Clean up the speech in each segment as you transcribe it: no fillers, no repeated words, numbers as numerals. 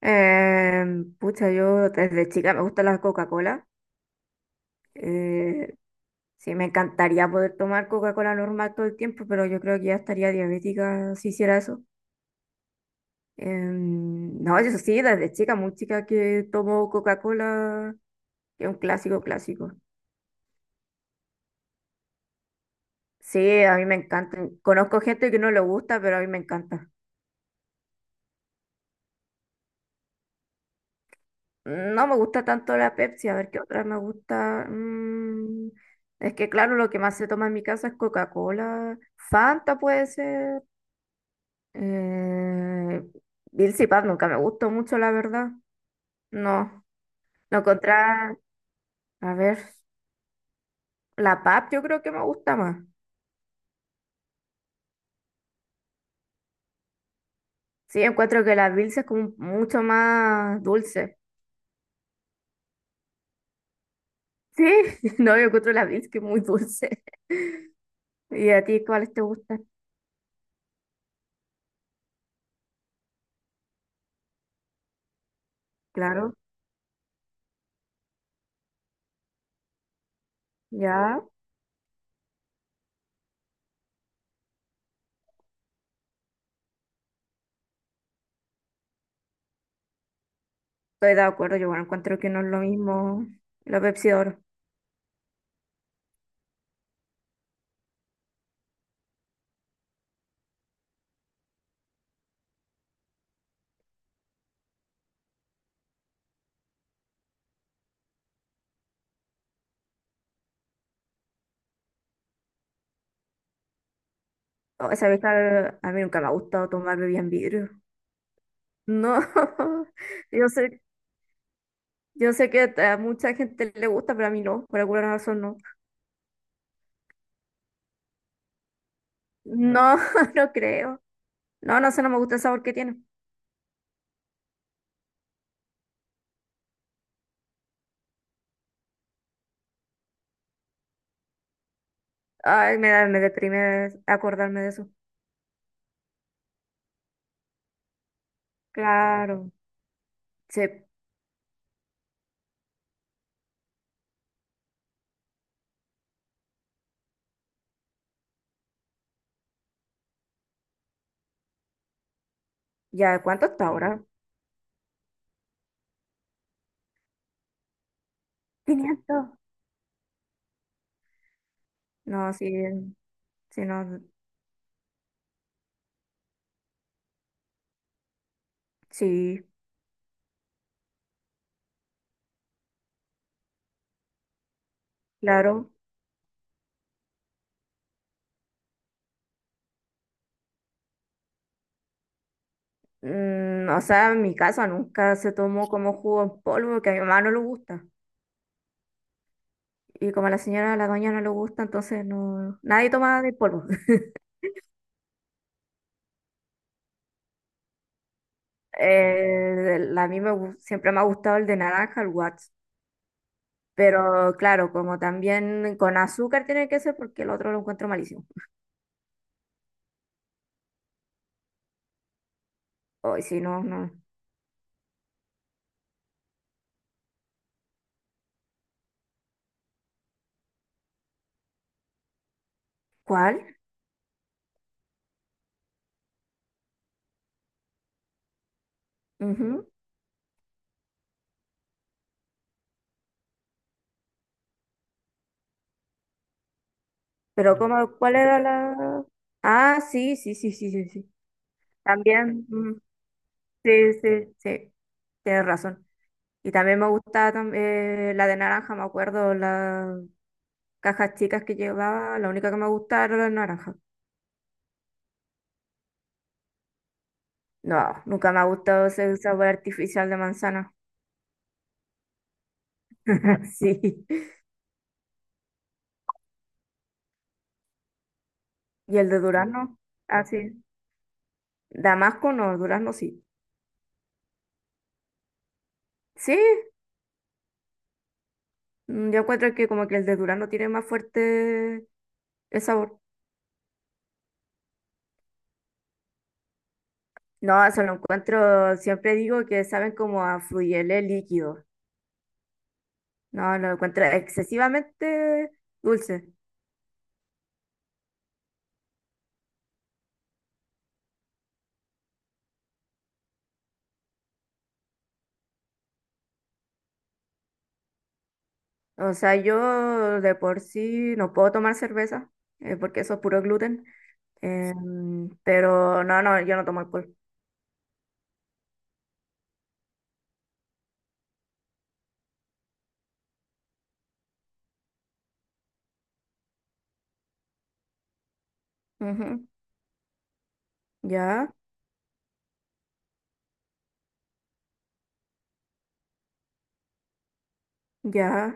Pucha, yo desde chica me gusta la Coca-Cola. Eh, sí, me encantaría poder tomar Coca-Cola normal todo el tiempo, pero yo creo que ya estaría diabética si hiciera eso. No, eso sí, desde chica, muy chica que tomo Coca-Cola, que es un clásico, clásico. Sí, a mí me encanta. Conozco gente que no le gusta, pero a mí me encanta. No me gusta tanto la Pepsi, a ver qué otra me gusta. Es que claro, lo que más se toma en mi casa es Coca-Cola. Fanta puede ser. Eh, Bills y Pap nunca me gustó mucho, la verdad. No, no contra, a ver, la Pap yo creo que me gusta más. Sí, encuentro que la Bills es como mucho más dulce. Sí, no, yo encuentro la Bills que es muy dulce. ¿Y a ti cuáles te gustan? Claro, ya, estoy de acuerdo, yo bueno, encuentro que no es lo mismo la Pepsi de oro. Oh, esa vez a mí nunca me ha gustado tomar bebidas en vidrio. No, yo soy Yo sé que a mucha gente le gusta, pero a mí no, por alguna razón no. No, no creo. No, no sé, no me gusta el sabor que tiene. Ay, me da, me deprime acordarme de eso. Claro. Sí. ¿Ya cuánto está ahora? 500. No, sí, sí, no, sí, claro. O sea, en mi casa nunca se tomó como jugo en polvo, porque a mi mamá no le gusta. Y como a la señora, a la doña no le gusta, entonces no, nadie toma de polvo. A mí me, siempre me ha gustado el de naranja, el Watts. Pero claro, como también con azúcar tiene que ser porque el otro lo encuentro malísimo. Hoy si no, no. ¿Cuál? Ujú. Pero como, ¿cuál era la...? Ah, sí, sí, sí, sí, sí, sí. También, mm, sí, sí, sí, tienes razón. Y también me gustaba la de naranja, me acuerdo, las cajas chicas que llevaba, la única que me gustaba era la de naranja. No, nunca me ha gustado ese sabor artificial de manzana. Sí. ¿Y el de durazno? Así, Damasco no, durazno sí. Sí, yo encuentro que como que el de durazno tiene más fuerte el sabor. No, eso lo encuentro, siempre digo que saben como a fluyele líquido. No, lo encuentro excesivamente dulce. O sea, yo de por sí no puedo tomar cerveza, porque eso es puro gluten. Pero no, no, yo no tomo alcohol. Ujú, ya, ya.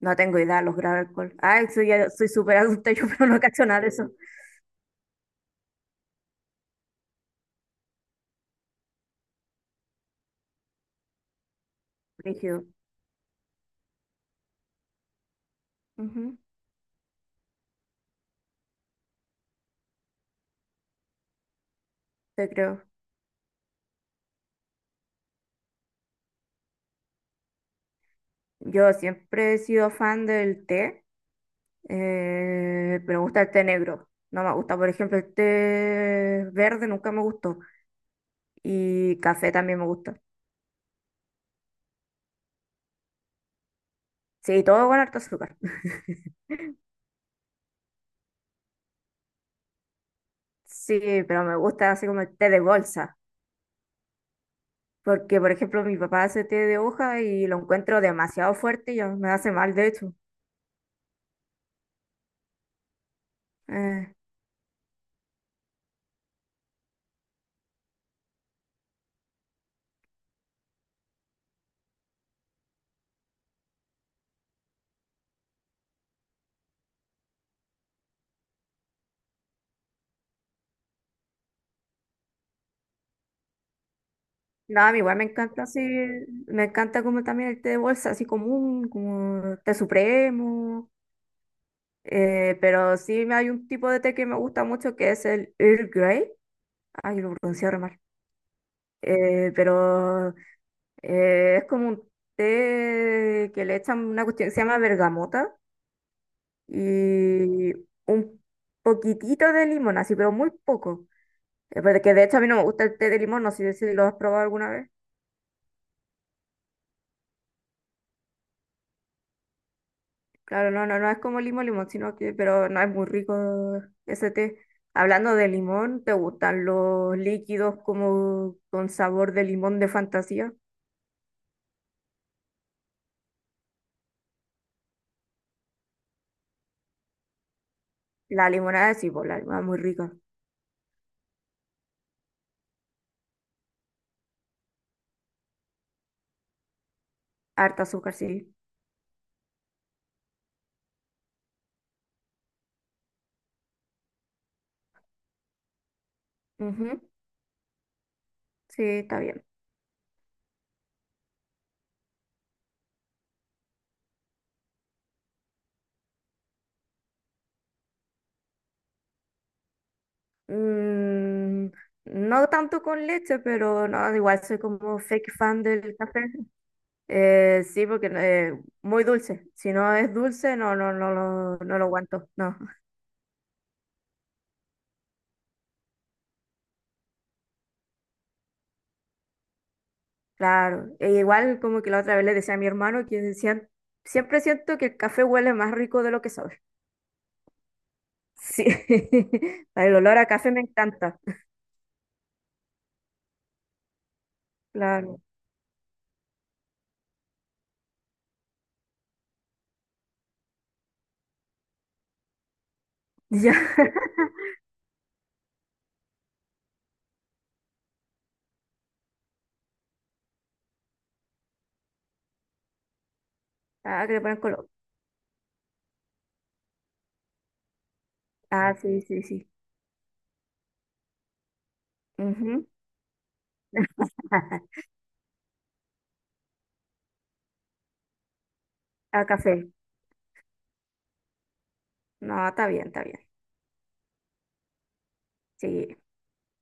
No tengo idea, los graba alcohol. Ay, soy, soy súper adulta yo, pero no cacho nada de eso. Rígido. Ujú, te creo. Yo siempre he sido fan del té, pero me gusta el té negro. No me gusta, por ejemplo, el té verde nunca me gustó. Y café también me gusta. Sí, todo con harto azúcar. Sí, pero me gusta así como el té de bolsa. Porque, por ejemplo, mi papá hace té de hoja y lo encuentro demasiado fuerte y ya me hace mal, de hecho. Eh, No, a mí igual me encanta así, me encanta como también el té de bolsa, así común, como té supremo, pero sí me- hay un tipo de té que me gusta mucho que es el Earl Grey, ay, lo pronuncié re mal. Eh, pero es como un té que le echan una cuestión que se llama bergamota y un poquitito de limón, así, pero muy poco. Porque de hecho a mí no me gusta el té de limón, no sé si lo has probado alguna vez. Claro, no, no, no es como limón, limón, sino que, pero no es muy rico ese té. Hablando de limón, ¿te gustan los líquidos como con sabor de limón de fantasía? La limonada sí, pues, la limonada es muy rica. Harta azúcar, sí. Ujú, sí, está bien. Mm, no tanto con leche, pero no, igual soy como fake fan del café. Sí, porque muy dulce. Si no es dulce, no, no, no, no lo aguanto. No. Claro, e igual como que la otra vez le decía a mi hermano que decían, siempre siento que el café huele más rico de lo que sabe. Sí, el olor a café me encanta. Claro. Ya. Ah, que le ponen color. Ah, sí, sí, sí. Ujú. A café. No, está bien, está bien. Sí.